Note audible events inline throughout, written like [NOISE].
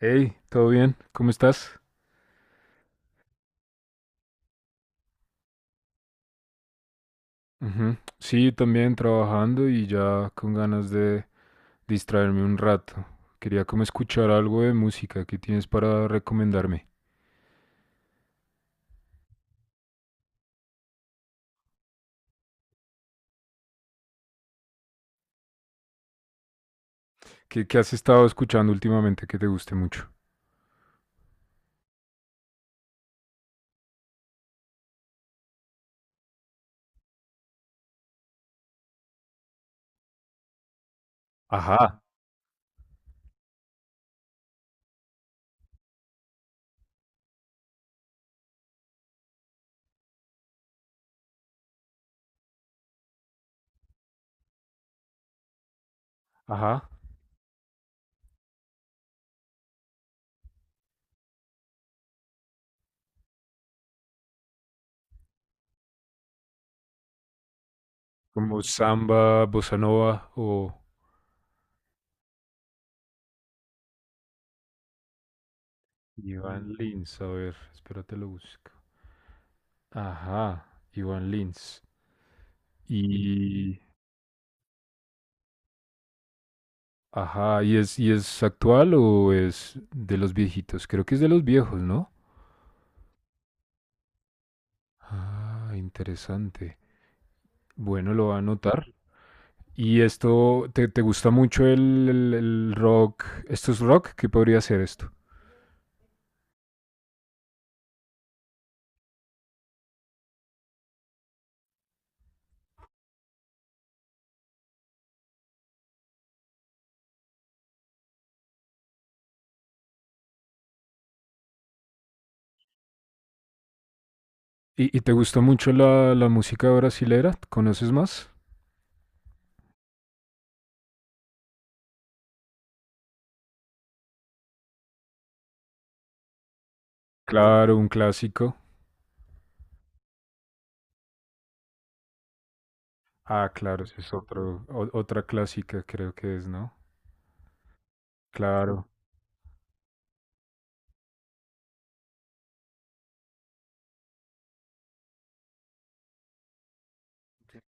Hey, ¿todo bien? ¿Cómo estás? Ujú. Sí, también trabajando y ya con ganas de distraerme un rato. Quería como escuchar algo de música que tienes para recomendarme. ¿Qué has estado escuchando últimamente que te guste mucho? Ajá, ajá. Como samba, bossa nova o Iván Lins. A ver, espérate lo busco. Ajá, Iván Lins. Y... Ajá, ¿y es actual o es de los viejitos? Creo que es de los viejos, ¿no? Ah, interesante. Bueno, lo va a anotar. ¿Y esto te gusta mucho el rock? ¿Esto es rock? ¿Qué podría ser esto? ¿Y te gusta mucho la música brasilera? ¿Conoces más? Claro, un clásico. Ah, claro, ese es otra clásica, creo que es, ¿no? Claro.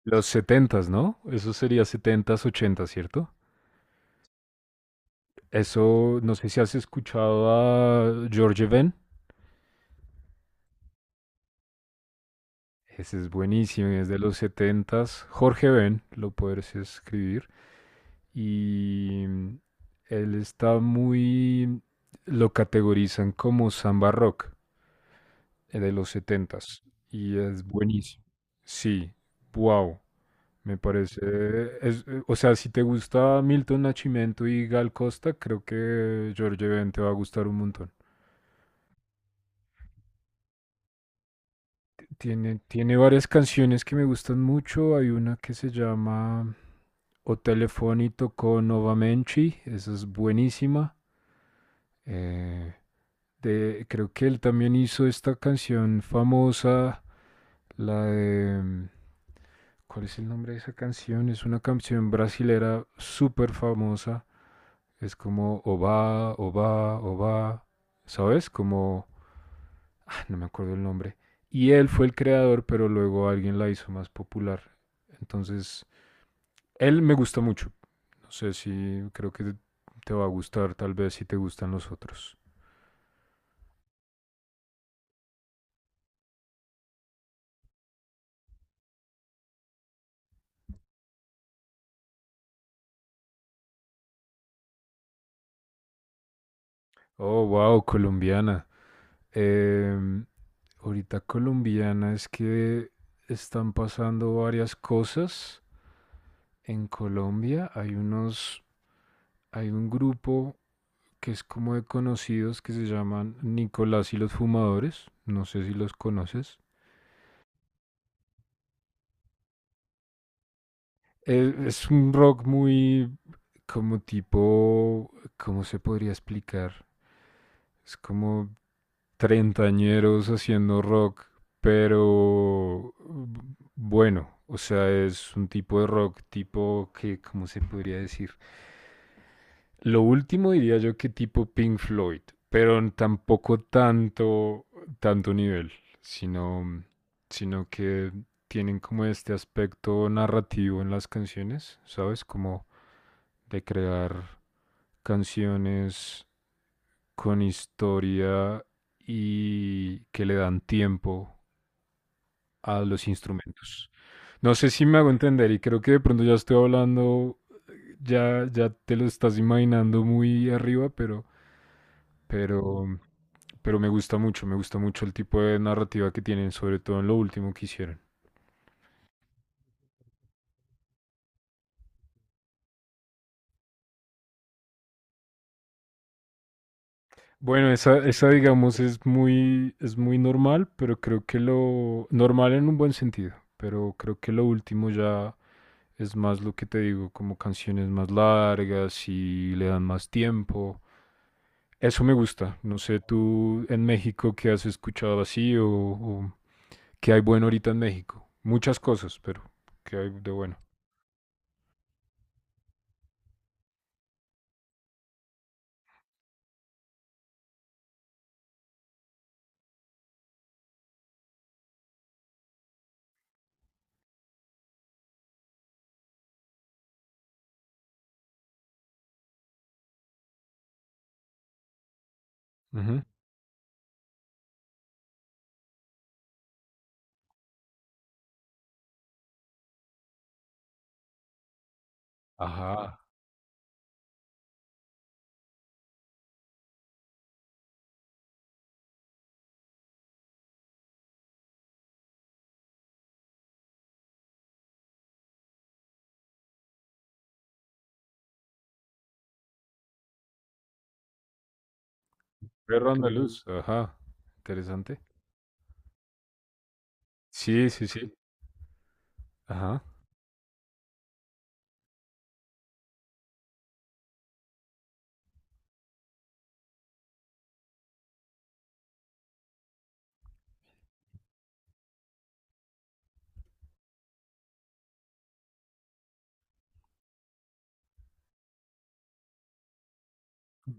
Los setentas, ¿no? Eso sería setentas, ochentas, ¿cierto? Eso, no sé si has escuchado a George Ben. Ese es buenísimo, es de los setentas. Jorge Ben, lo puedes escribir. Y él está Lo categorizan como samba rock, de los setentas, y es buenísimo. Sí, wow. Me parece... o sea, si te gusta Milton Nascimento y Gal Costa, creo que Jorge Ben te va a gustar un montón. Tiene varias canciones que me gustan mucho. Hay una que se o Telefonito con Novamenchi, esa es buenísima. Eh, de, creo que él también hizo esta canción famosa, la ¿cuál es el nombre de esa canción? Es una canción brasilera súper famosa. Es como Oba, Oba, Oba, ¿sabes? No me acuerdo el nombre. Y él fue el creador, pero luego alguien la hizo más popular. Entonces, él me gusta mucho. No sé si creo que te va a gustar, tal vez si te gustan los otros. Oh, wow, colombiana. Em, ahorita colombiana es que están pasando varias cosas en Colombia. Hay un grupo que es como de conocidos que se llaman Nicolás y los Fumadores. No sé si los conoces. Es un rock muy como ¿cómo se podría explicar? Es como treintañeros haciendo rock, pero bueno, o sea, es un tipo de rock tipo que, ¿cómo se podría decir? Lo último diría yo que tipo Pink Floyd, pero tampoco tanto, tanto nivel, sino, sino que tienen como este aspecto narrativo en las canciones, ¿sabes? Como de crear canciones con historia y que le dan tiempo a los instrumentos. No sé si me hago entender y creo que de pronto ya estoy hablando, ya te lo estás imaginando muy arriba, pero, pero me gusta mucho el tipo de narrativa que tienen, sobre todo en lo último que hicieron. Bueno, esa digamos es muy normal, pero creo que lo normal en un buen sentido, pero creo que lo último ya es más lo que te digo, como canciones más largas y le dan más tiempo. Eso me gusta. No sé, tú en México qué has escuchado así o qué hay bueno ahorita en México. Muchas cosas, pero qué hay de bueno. Ujú. Ajá. Perro andaluz. Ajá. Interesante. Sí, sí, sí. Ajá.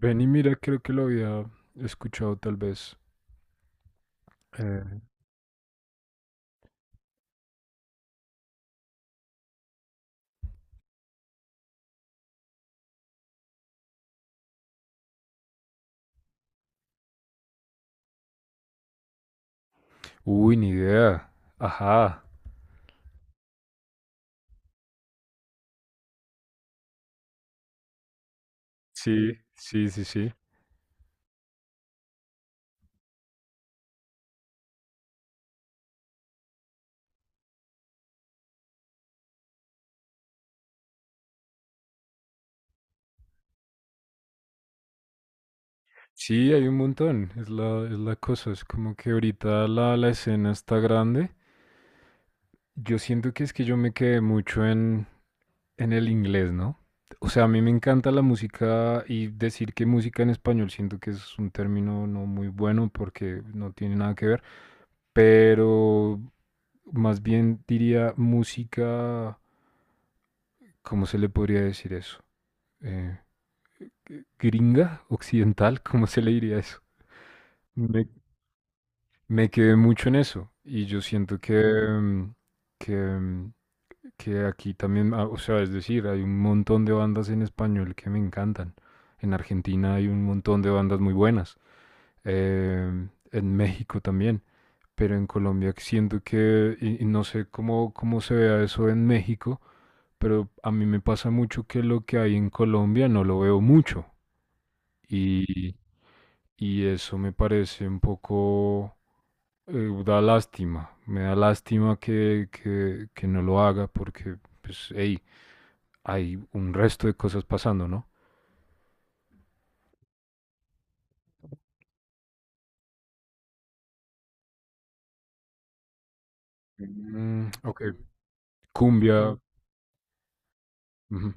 Ven y mira, creo que lo había escuchado tal vez. Eh, Uy, ni idea. Ajá. Sí, sí, sí, sí. Sí, hay un montón, es la cosa, es como que ahorita la escena está grande. Yo siento que es que yo me quedé mucho en el inglés, ¿no? O sea, a mí me encanta la música y decir que música en español siento que es un término no muy bueno porque no tiene nada que ver, pero más bien diría música, ¿cómo se le podría decir eso? Eh, gringa, occidental, [LAUGHS] ¿cómo se le diría eso? Me quedé mucho en eso y yo siento que, que, mm, que aquí también, ah, o sea, es decir, hay un montón de bandas en español que me encantan. En Argentina hay un montón de bandas muy buenas, en México también, pero en Colombia siento que, y no sé cómo, cómo se vea eso en México, pero a mí me pasa mucho que lo que hay en Colombia no lo veo mucho y, y eso me parece un poco da lástima, me da lástima que no lo haga porque, pues, hey, hay un resto de cosas pasando, ¿no? Mm, ok, cumbia. Ujú.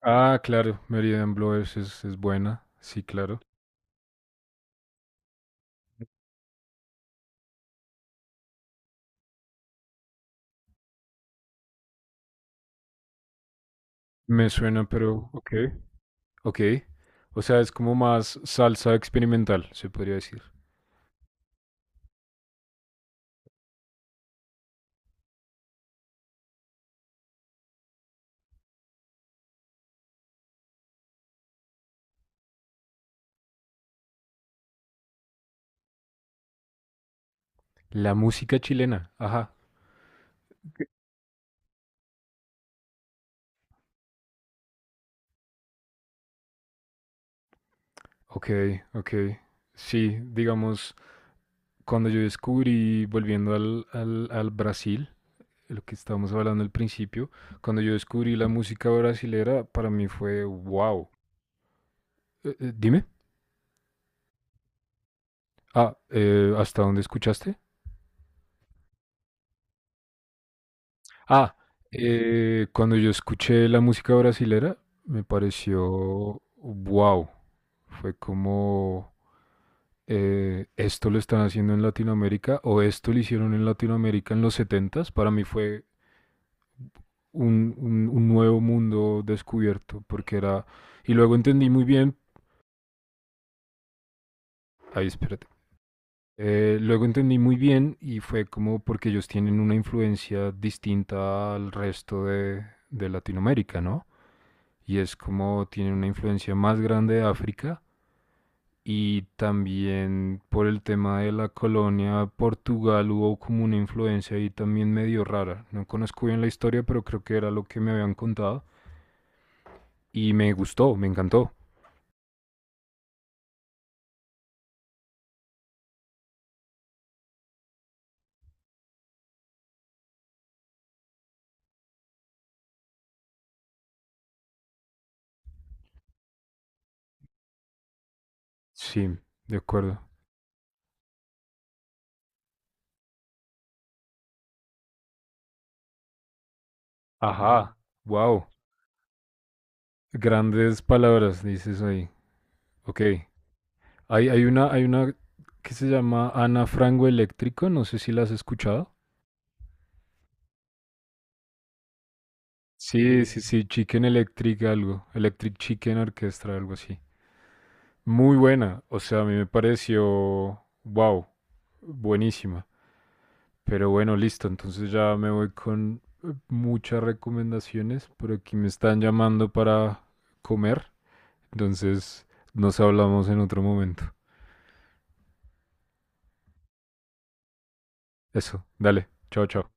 Ah, claro, Meridian Blowers es buena, sí, claro. Me suena, pero ok, ok. O sea, es como más salsa experimental, se podría decir. La música chilena, ajá. Ok, ok. Sí, digamos, cuando yo descubrí, volviendo al Brasil, lo que estábamos hablando al principio, cuando yo descubrí la música brasilera, para mí fue wow. Dime, ¿hasta dónde escuchaste? Ah, cuando yo escuché la música brasilera, me pareció wow. Fue como, esto lo están haciendo en Latinoamérica o esto lo hicieron en Latinoamérica en los setentas. Para mí fue un nuevo mundo descubierto porque y luego entendí muy bien, ay, espérate, luego entendí muy bien y fue como porque ellos tienen una influencia distinta al resto de Latinoamérica, ¿no? Y es como tienen una influencia más grande de África y también por el tema de la colonia Portugal hubo como una influencia ahí también medio rara. No conozco bien la historia, pero creo que era lo que me habían contado y me gustó, me encantó. Sí, de acuerdo. Ajá, wow, grandes palabras dices ahí. Ok. Hay una que se llama Ana Frango Eléctrico, no sé si la has escuchado. Sí, sí, sí, Chicken Electric algo, Electric Chicken Orchestra, algo así. Muy buena, o sea, a mí me pareció, wow, buenísima. Pero bueno, listo, entonces ya me voy con muchas recomendaciones, por aquí me están llamando para comer, entonces nos hablamos en otro momento. Eso, dale, chao, chao.